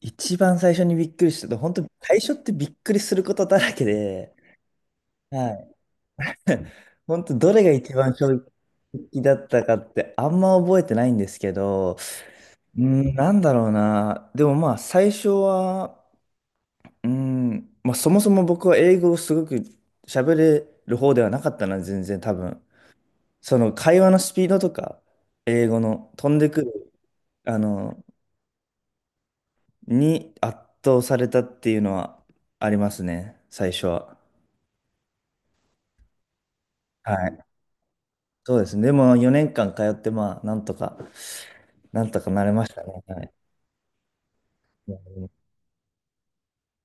一番最初にびっくりしたと、本当最初ってびっくりすることだらけで、はい。本当どれが一番衝撃だったかってあんま覚えてないんですけど、うん、なんだろうな。でもまあ最初は、うん、まあそもそも僕は英語をすごく喋れる方ではなかったな、全然多分。その会話のスピードとか、英語の飛んでくる、あの、に圧倒されたっていうのはありますね、最初は。はい。そうですね。でも4年間通って、まあ、なんとか、なんとかなれましたね。はい。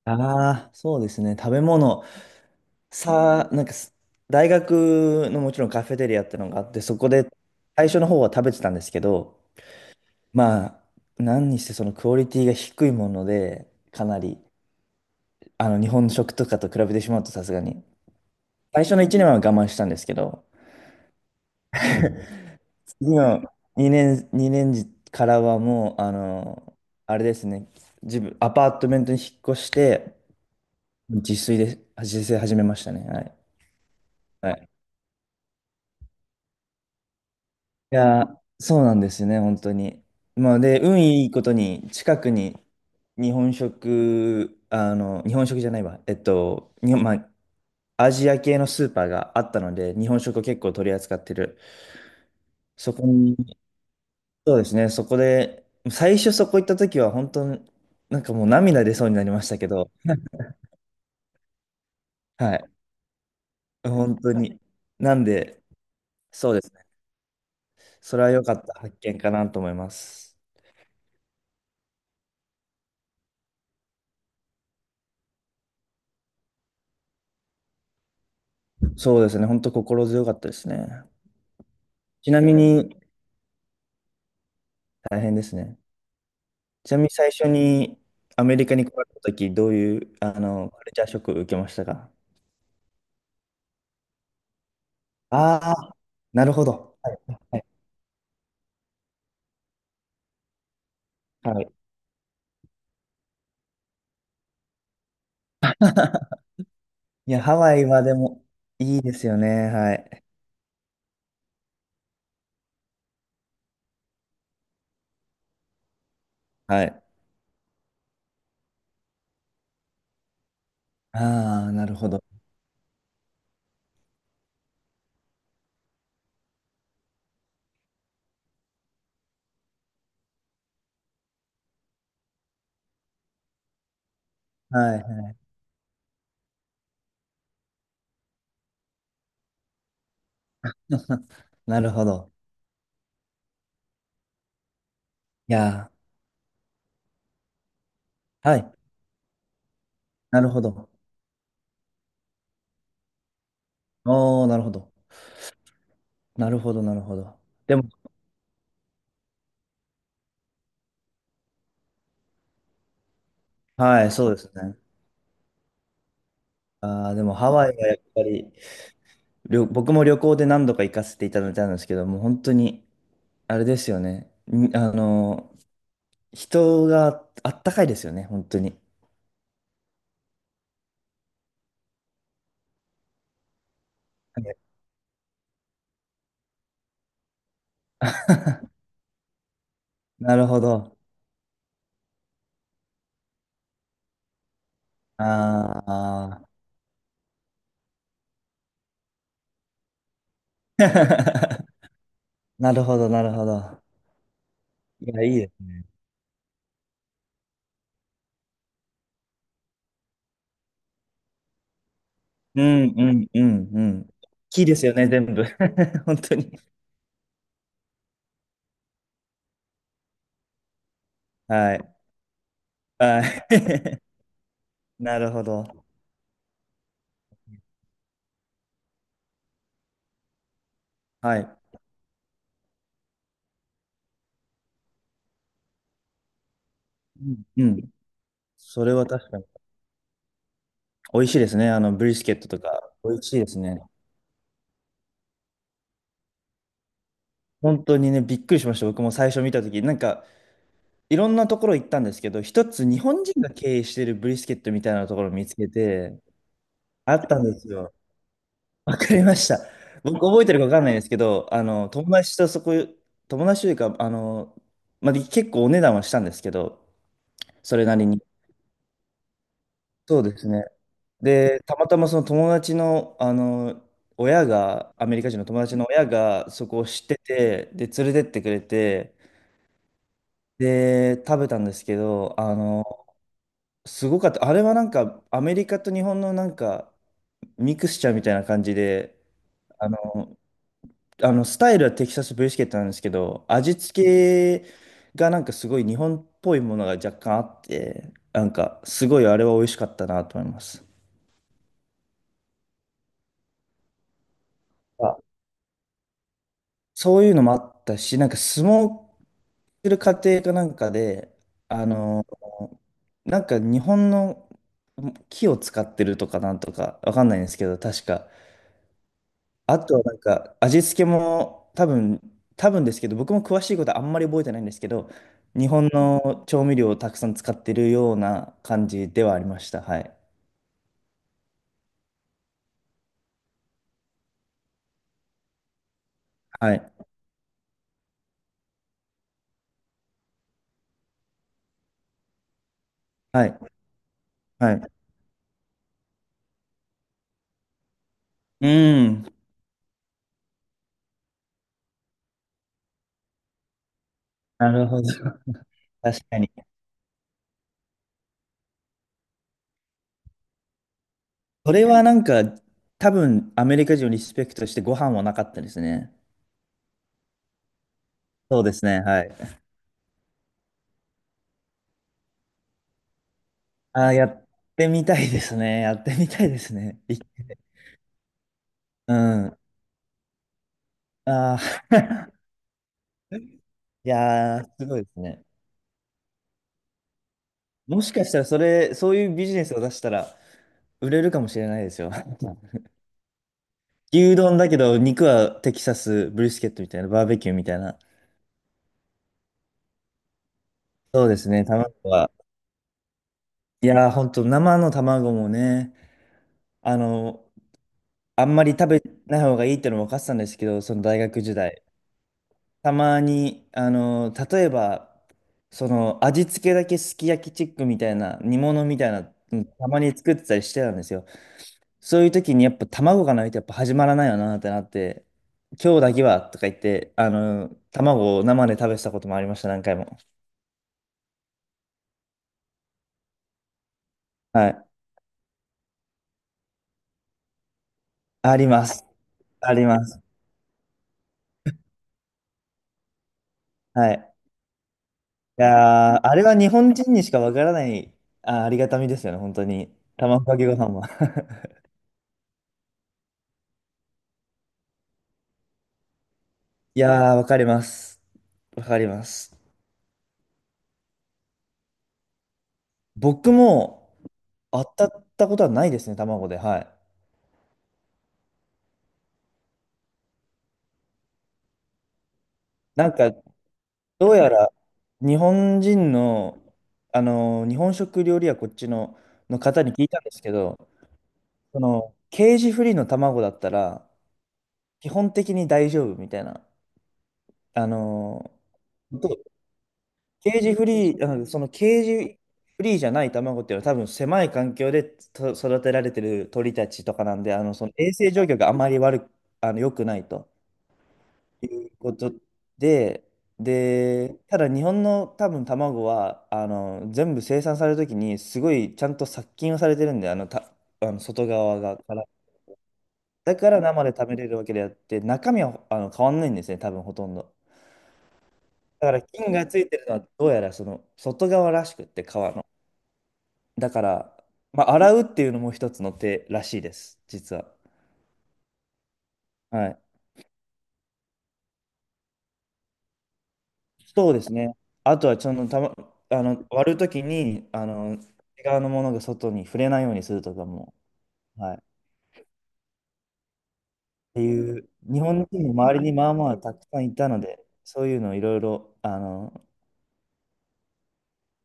ああ、そうですね。食べ物。さあ、なんかす、大学のもちろんカフェテリアってのがあって、そこで最初の方は食べてたんですけど、まあ、何にしてそのクオリティが低いもので、かなり、日本食とかと比べてしまうとさすがに。最初の1年は我慢したんですけど、今、2年、二年時からはもう、あれですね、自分、アパートメントに引っ越して、自炊で、自炊始めましたね。はい。はい。いやー、そうなんですよね、本当に。まあ、で、運いいことに、近くに日本食、日本食じゃないわ、日本、まあ、アジア系のスーパーがあったので、日本食を結構取り扱ってる。そこにそうですね、そこで、最初そこ行った時は本当に、なんかもう涙出そうになりましたけど、はい、本当に。なんで、そうですね、それは良かった発見かなと思います。そうですね、本当心強かったですね。ちなみに、大変ですね。ちなみに最初にアメリカに来られた時、どういう、カルチャーショックを受けましたか？ああー、なるほど。はい。はい。いや、ハワイはでも、いいですよね、はい。はい。ああ、なるほど。はい。なるほど。いやー、はい。なるほど。おー、なるほど。なるほど、なるほど。でも、はい、そうですね。あー、でもハワイはやっぱり、僕も旅行で何度か行かせていただいたんですけど、もう本当に、あれですよね。人があったかいですよね、本当に。はい。なるほど。あー、なるほど、なるほど。いや、いいですね。うん、うん、うん、うん。大きいですよね、全部。本当に。はい。はい。なるほど。はい。うん。それは確かに。美味しいですね。ブリスケットとか。美味しいですね。本当にね、びっくりしました。僕も最初見たとき。なんか、いろんなところ行ったんですけど、一つ日本人が経営してるブリスケットみたいなところを見つけて、あったんですよ。わかりました。僕覚えてるかわかんないですけど、友達というか、まあ、結構お値段はしたんですけど、それなりに。そうですね。で、たまたまその友達の、あの、親が、アメリカ人の友達の親がそこを知ってて、で、連れてってくれて、で、食べたんですけど、すごかった。あれはなんか、アメリカと日本のなんか、ミクスチャーみたいな感じで、あの、あのスタイルはテキサスブリスケットなんですけど、味付けがなんかすごい日本っぽいものが若干あって、なんか、すごいあれは美味しかったなと思います。そういうのもあったし、なんか相撲する過程かなんかで、あの、なんか日本の木を使ってるとかなんとかわかんないんですけど、確か。あとはなんか味付けも多分ですけど、僕も詳しいことはあんまり覚えてないんですけど、日本の調味料をたくさん使ってるような感じではありました。はい。はい。はい。はい。うん。なるほど。確かに。それはなんか、多分アメリカ人をリスペクトしてご飯はなかったですね。そうですね、はい。あーやってみたいですね。やってみたいですね。いうん。ああ、いやー、すごいですね。もしかしたらそれ、そういうビジネスを出したら売れるかもしれないですよ。牛丼だけど、肉はテキサスブリスケットみたいな、バーベキューみたいな。そうですね、卵は。いやー、ほんと、生の卵もね、あの、あんまり食べない方がいいってのも分かってたんですけど、その大学時代。たまに、例えば、その、味付けだけすき焼きチックみたいな、煮物みたいな、たまに作ってたりしてたんですよ。そういう時にやっぱ卵がないとやっぱ始まらないよなってなって、今日だけはとか言って、卵を生で食べてたこともありました、何回も。はい。あります。あります。はい。いやーあれは日本人にしかわからない、ありがたみですよね、本当に。卵かけご飯は。いやー、わかります。わかります。僕も当たったことはないですね、卵で。はい。なんか、どうやら日本人の、日本食料理はこっちの方に聞いたんですけど、その、ケージフリーの卵だったら、基本的に大丈夫みたいな。あの、でケージフリーじゃない卵っていうのは多分狭い環境でと育てられてる鳥たちとかなんで、その衛生状況があまり悪く、あの、良くないと。いうことで、で、ただ日本の多分卵は、全部生産されるときに、すごいちゃんと殺菌をされてるんで、あの、た、あの外側がから。だから生で食べれるわけであって、中身は変わんないんですね、多分ほとんど。だから菌がついてるのは、どうやらその外側らしくって、皮の。だから、まあ、洗うっていうのも一つの手らしいです、実は。はい。そうですね。あとは、その、たま、あの、割るときに、内側のものが外に触れないようにするとかも、はい。っていう、日本人の周りにまあまあたくさんいたので、そういうのいろいろ、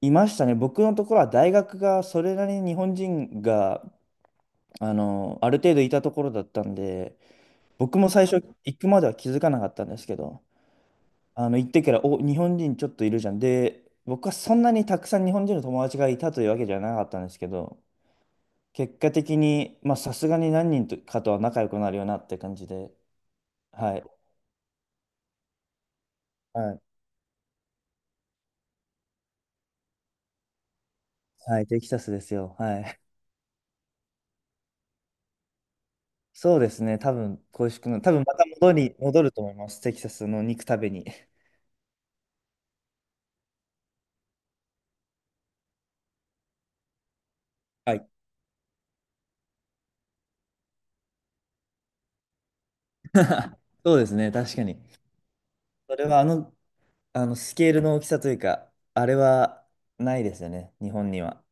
いましたね。僕のところは大学がそれなりに日本人が、ある程度いたところだったんで、僕も最初行くまでは気づかなかったんですけど、行ってから、お、日本人ちょっといるじゃん。で、僕はそんなにたくさん日本人の友達がいたというわけじゃなかったんですけど、結果的に、まあ、さすがに何人とかとは仲良くなるよなって感じで、はい。はい。はい、テキサスですよ。はい。そうですね。多分、恋しくなる。多分、また戻ると思います。テキサスの肉食べに。はい。そうですね。確かに。それは、スケールの大きさというか、あれはないですよね。日本には。